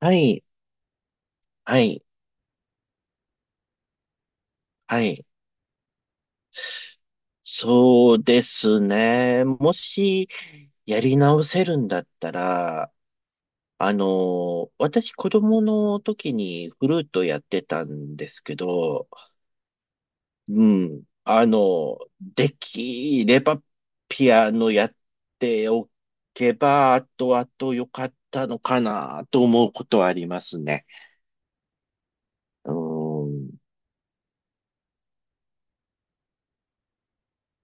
はい、はい、はい。そうですね。もし、やり直せるんだったら、私、子供の時にフルートやってたんですけど、うん、できれば、ピアノやっておけば、あとあと良かったのかな、と思うことはありますね。うん、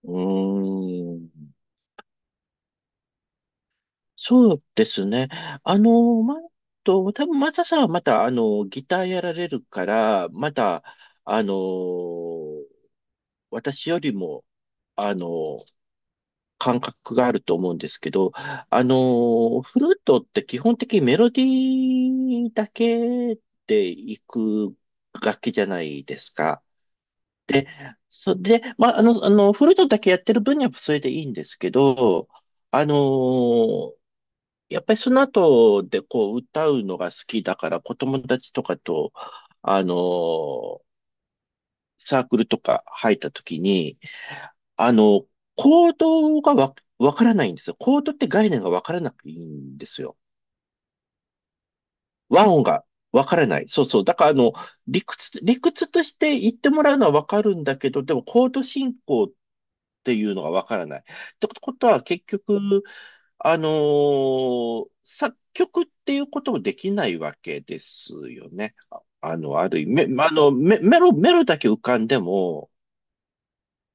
うん。そうですね。あの、ま、多分マサさんはまた、ギターやられるから、また、あの、私よりも、あの、感覚があると思うんですけど、フルートって基本的にメロディーだけでいく楽器じゃないですか。で、それで、まあ、フルートだけやってる分にはそれでいいんですけど、あのやっぱりその後でこう歌うのが好きだから子供たちとかと、あのーサークルとか入った時に、あの、コードがわからないんですよ。コードって概念がわからなくていいんですよ。和音がわからない。そうそう。だから理屈として言ってもらうのはわかるんだけど、でもコード進行っていうのがわからない。ってことは、結局、作曲っていうこともできないわけですよね。ある意味、めあの、メメロ、メロだけ浮かんでも、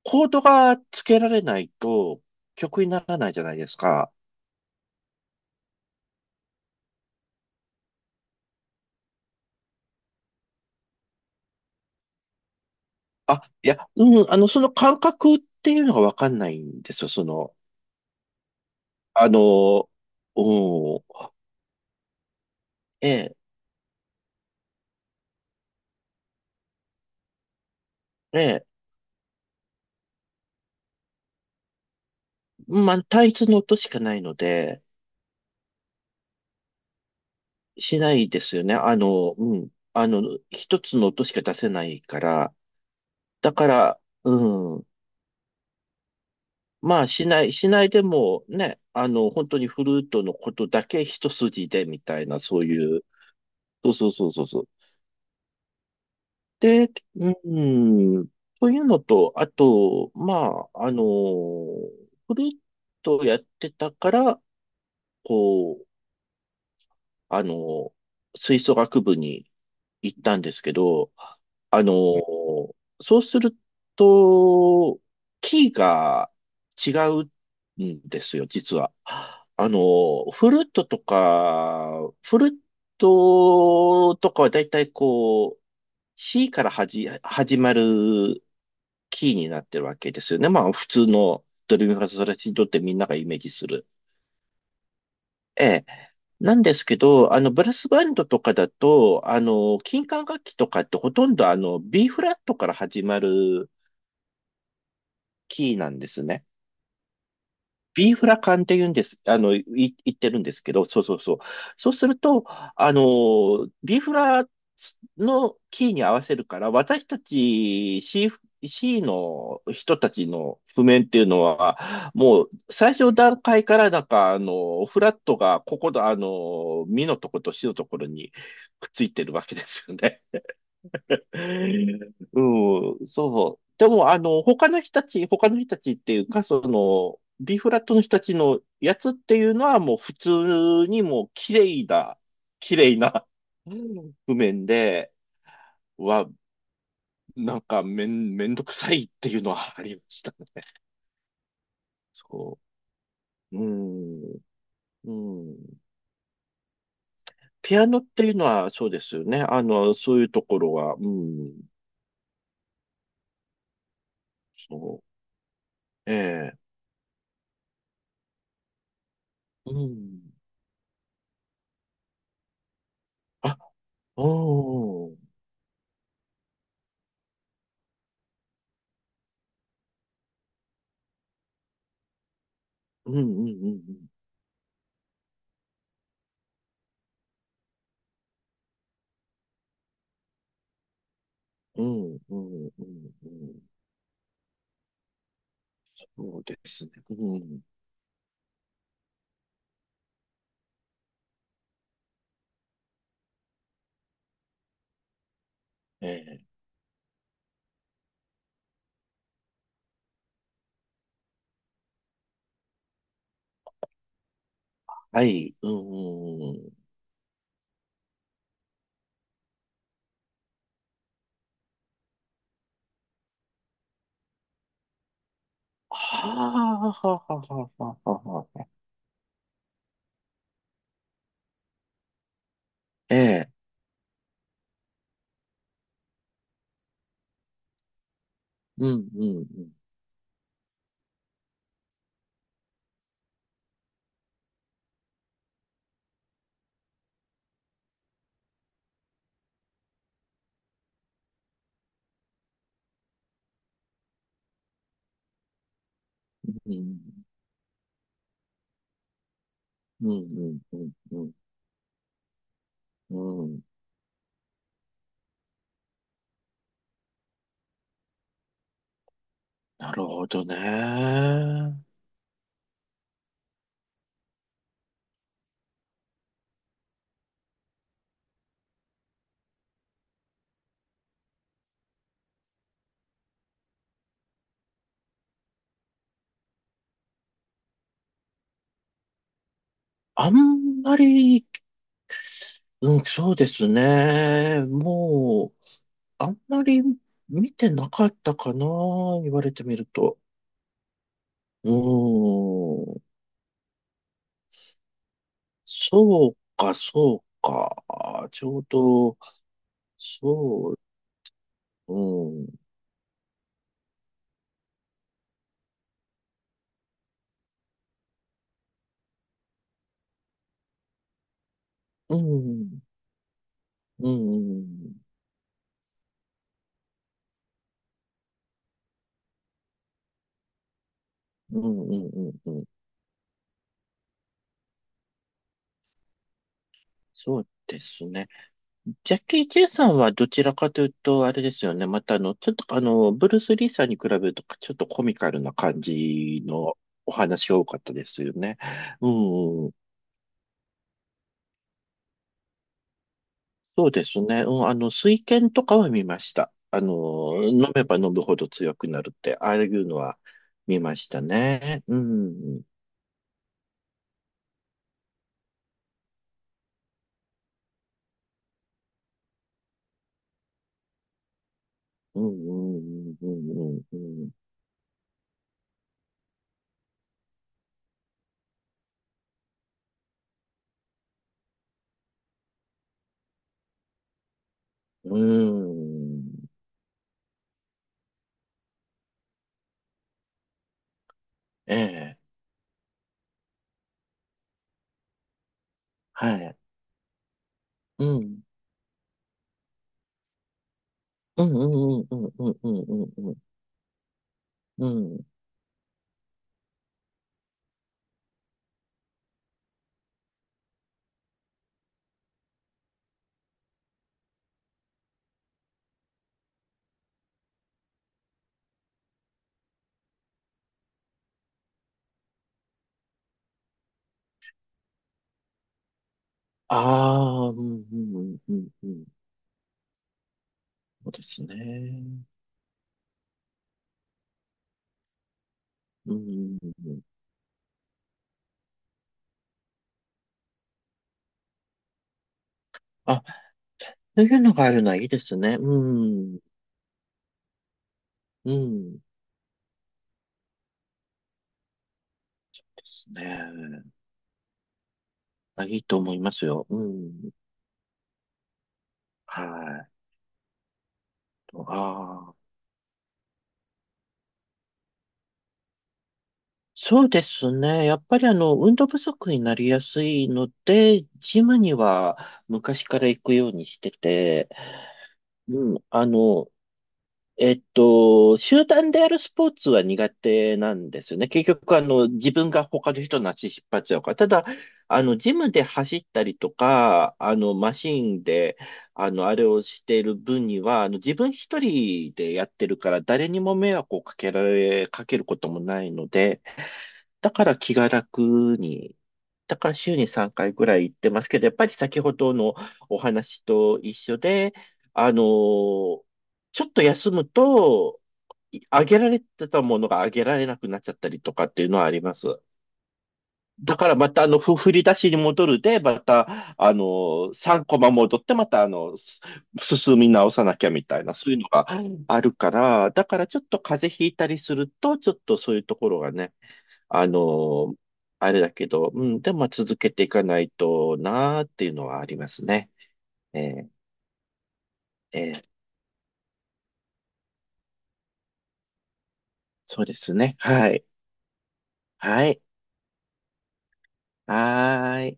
コードがつけられないと曲にならないじゃないですか。あ、いや、うん、その感覚っていうのがわかんないんですよ。その、あのうん、ええ、ええ、まあ、単一の音しかないので、しないですよね。うん。一つの音しか出せないから。だから、うん。まあ、しないでもね、本当にフルートのことだけ一筋でみたいな、そういう。そうそうそうそうそう。で、うん。そういうのと、あと、まあ、フルートをやってたから、こう、あの、吹奏楽部に行ったんですけど、あのーそうすると、キーが違うんですよ、実は。フルートとかはだいたいこう、C から始まるキーになってるわけですよね。まあ、普通のドレミファソラシドってみんながイメージする。ええ。なんですけど、ブラスバンドとかだと、金管楽器とかってほとんどB フラットから始まるキーなんですね。ビーフラ缶って言うんです、言ってるんですけど、そうそうそう。そうすると、ビーフラのキーに合わせるから、私たち C の人たちの譜面っていうのは、もう最初の段階からなんか、フラットがここの、ミのとことシのところにくっついてるわけですよね。うん、そう。でも、他の人たちっていうか、その、B フラットの人たちのやつっていうのはもう普通にもう綺麗なうん譜面で、は、なんかめんどくさいっていうのはありましたね。そう。うん。うん。ピアノっていうのはそうですよね。そういうところは、うん。そう。ええ。うん。あ、うん。うん、うん、うん、うん。うん、うん、うん、うん。そうですね。うん。ええ。はい。うん、うん、うん。はあ、はあ、はあ、はあ、はあ、はあ。ええ。うん、うん、うん。うん、うん、うん、うん、うん。うん。なるほどね。あんまり、うん、そうですね、うん、ええ、はい、うん、うん、はあ、はあ、はあ、はあ、はあ、はあ、ええ、うん、うん、うん、うん、うん、うん、うん、うん、うん、なるほどね、あんまり、うん、そうですね、もう、あんまり見てなかったかな。言われてみると。うん。そうか、そうか。ちょうど、そう、うん、うん、うん、うん、うん、うん、うん、そうですね。ジャッキー・チェンさんはどちらかというと、あれですよね。また、ちょっと、ブルース・リーさんに比べると、ちょっとコミカルな感じのお話が多かったですよね。うん、そうですね。うん、水拳とかは見ました。飲めば飲むほど強くなるって、ああいうのは見ましたね。うん。うん、うん、うん、うん、うん。うん。ええ、はい。うん。うん、うん、うん、うん、うん、うん、うん。うん。ああ、うん、うん、うん、うん。そうですね。うん。あ、そういうのがあるのはいいですね。うん。うん。ですね。あ、いいと思いますよ。うん。はい。ああ。そうですね。やっぱり運動不足になりやすいので、ジムには昔から行くようにしてて、うん、集団でやるスポーツは苦手なんですよね。結局、自分が他の人の足引っ張っちゃうから。ただ、ジムで走ったりとか、マシンで、あれをしている分には、自分一人でやってるから、誰にも迷惑をかけることもないので、だから気が楽に、だから週に3回ぐらい行ってますけど、やっぱり先ほどのお話と一緒で、あのーちょっと休むと、あげられてたものがあげられなくなっちゃったりとかっていうのはあります。だからまた振り出しに戻るで、また、3コマ戻って、また進み直さなきゃみたいな、そういうのがあるから、だからちょっと風邪ひいたりすると、ちょっとそういうところがね、あの、あれだけど、うん、でもまあ続けていかないとなーっていうのはありますね。えーえーそうですね。はい。はい。はーい。